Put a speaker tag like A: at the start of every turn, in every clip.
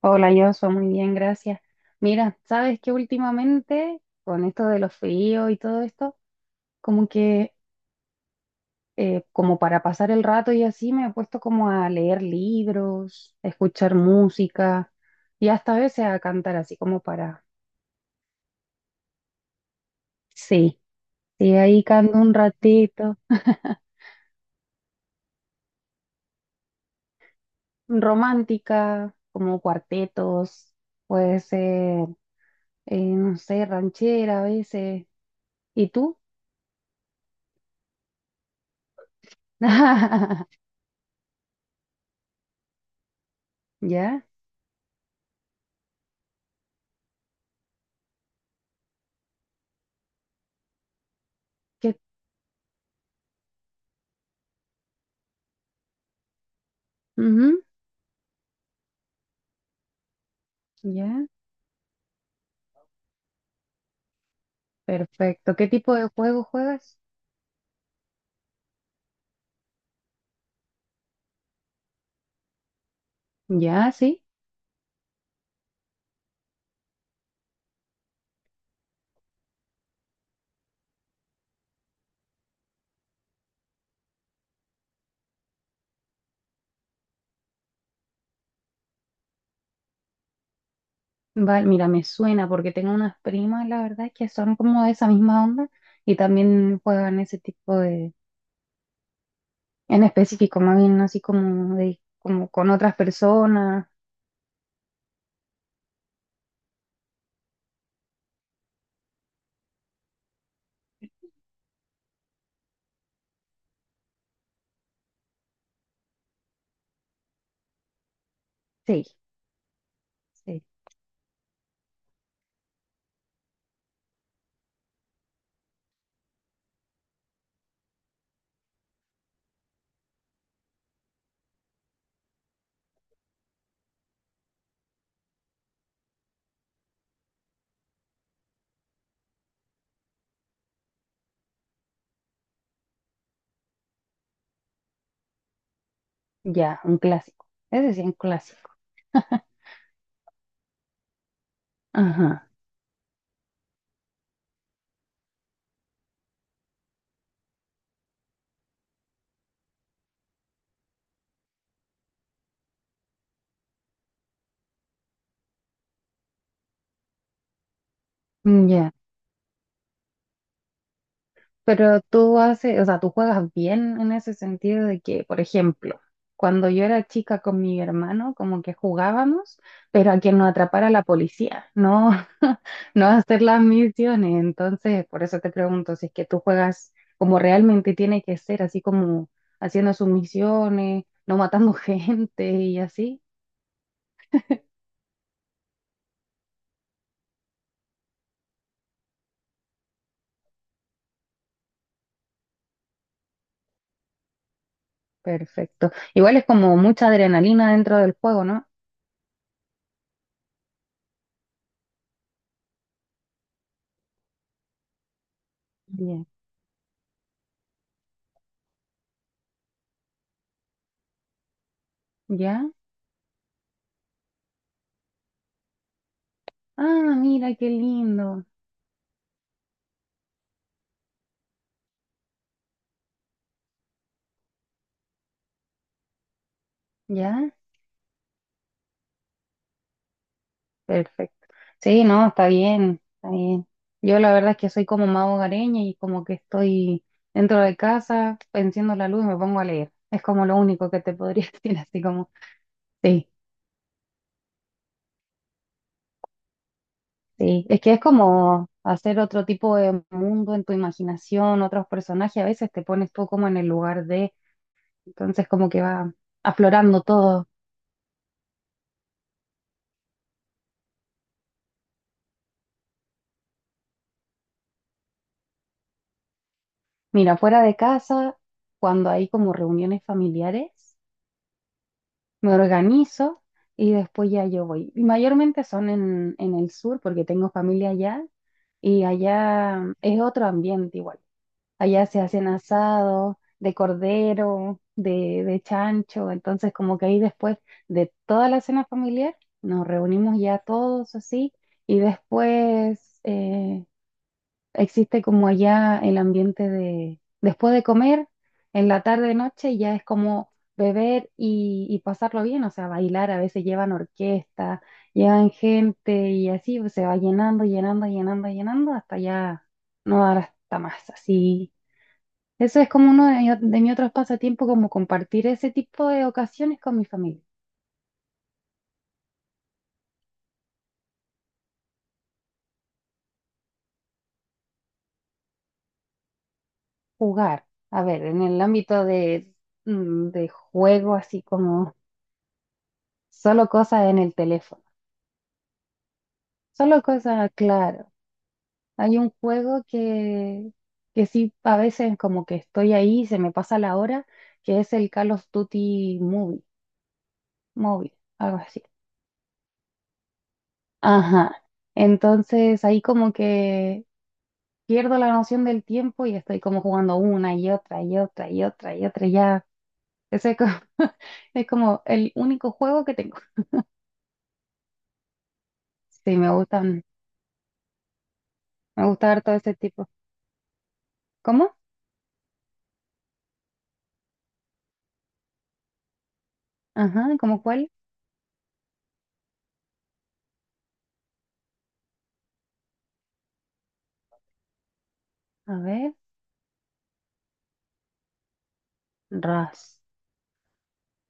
A: Hola, yo soy muy bien, gracias. Mira, sabes que últimamente con esto de los fríos y todo esto, como que como para pasar el rato y así me he puesto como a leer libros, a escuchar música y hasta a veces a cantar así como para, sí, sí, ahí canto un ratito, romántica, como cuartetos, puede ser, no sé, ranchera a veces. ¿Y tú? ¿Ya? ¿Qué? Ujú. ¿Ya? Perfecto. ¿Qué tipo de juego juegas? Ya, sí. Vale, mira, me suena porque tengo unas primas, la verdad, que son como de esa misma onda y también juegan ese tipo de, en específico, más bien así como de, como con otras personas. Sí, sí. Ya, un clásico. Ese sí es un clásico. Ajá. Ya. Pero tú haces, o sea, tú juegas bien en ese sentido de que, por ejemplo, cuando yo era chica con mi hermano, como que jugábamos, pero a que nos atrapara la policía, no, no a hacer las misiones. Entonces, por eso te pregunto si es que tú juegas como realmente tiene que ser, así como haciendo sus misiones, no matando gente y así. Perfecto. Igual es como mucha adrenalina dentro del juego, ¿no? Bien. ¿Ya? Ah, mira, qué lindo. ¿Ya? Perfecto. Sí, no, está bien, está bien. Yo la verdad es que soy como más hogareña y como que estoy dentro de casa, enciendo la luz y me pongo a leer. Es como lo único que te podría decir, así como, sí, sí. Es que es como hacer otro tipo de mundo en tu imaginación, otros personajes, a veces te pones tú como en el lugar de, entonces como que va aflorando todo. Mira, fuera de casa, cuando hay como reuniones familiares. Me organizo y después ya yo voy. Y mayormente son en el sur porque tengo familia allá y allá es otro ambiente igual. Allá se hacen asados de cordero, de chancho, entonces como que ahí después de toda la cena familiar nos reunimos ya todos así y después existe como allá el ambiente de después de comer, en la tarde noche ya es como beber y pasarlo bien, o sea, bailar, a veces llevan orquesta, llevan gente y así pues, se va llenando, llenando, llenando, llenando hasta ya no dar hasta más, así. Eso es como uno de, de mis otros pasatiempos, como compartir ese tipo de ocasiones con mi familia, jugar. A ver, en el ámbito de, de juego, así como solo cosas en el teléfono. Solo cosas, claro. Hay un juego que sí, a veces como que estoy ahí y se me pasa la hora, que es el Call of Duty Movie, móvil, algo así. Ajá. Entonces ahí como que pierdo la noción del tiempo y estoy como jugando una y otra y otra y otra y otra y ya. Ese es como, es como el único juego que tengo. Sí, me gustan, me gusta ver todo ese tipo. ¿Cómo? Ajá, ¿cómo cuál? A ver, Rust.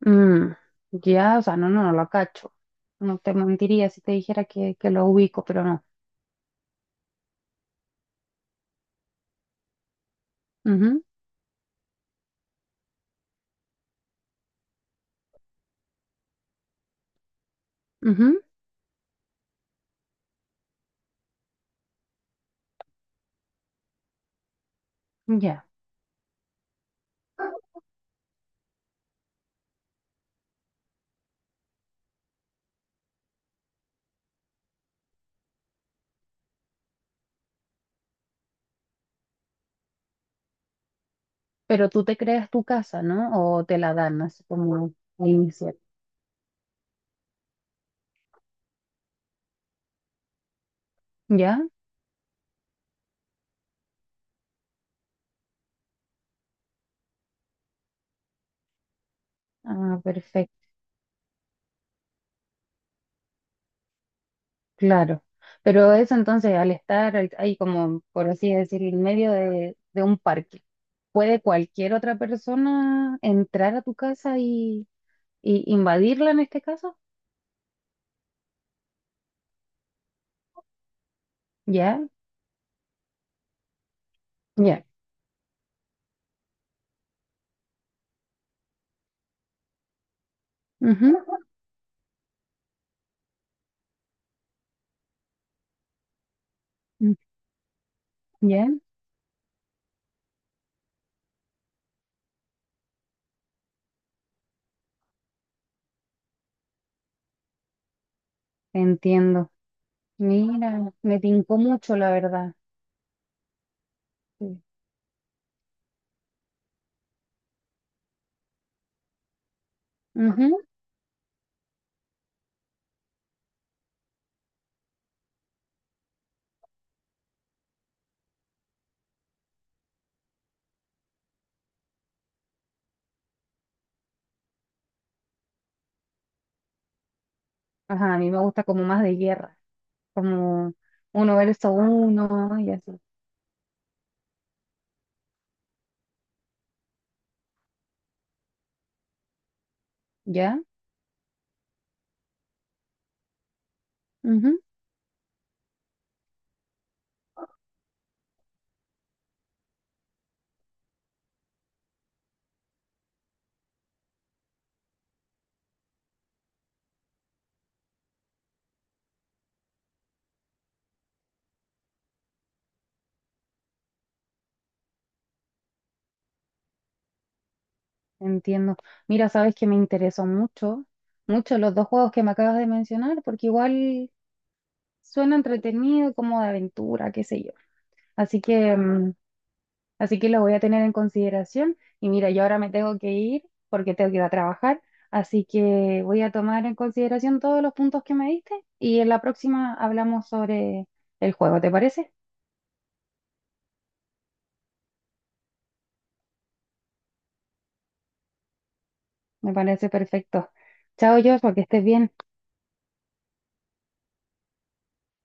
A: Mm, ya, o sea, no, no, no lo cacho. No te mentiría si te dijera que lo ubico, pero no. Ujú, ujú, ya. Pero tú te creas tu casa, ¿no? O te la dan así como al iniciar. ¿Ya? Ah, perfecto, claro. Pero eso entonces, al estar ahí como, por así decir, en medio de un parque, ¿puede cualquier otra persona entrar a tu casa y invadirla en este caso? ¿Ya? ¿Ya? Ujú, mm, ¿Ya? Entiendo. Mira, me tincó mucho, la verdad. Sí. Ujú. Ajá, a mí me gusta como más de guerra, como uno versus uno y así. ¿Ya? Ujú. Entiendo. Mira, sabes que me interesó mucho, mucho los dos juegos que me acabas de mencionar, porque igual suena entretenido, como de aventura, qué sé yo. Así que así que lo voy a tener en consideración. Y mira, yo ahora me tengo que ir porque tengo que ir a trabajar. Así que voy a tomar en consideración todos los puntos que me diste y en la próxima hablamos sobre el juego, ¿te parece? Me parece perfecto. Chao, Joshua, que estés bien.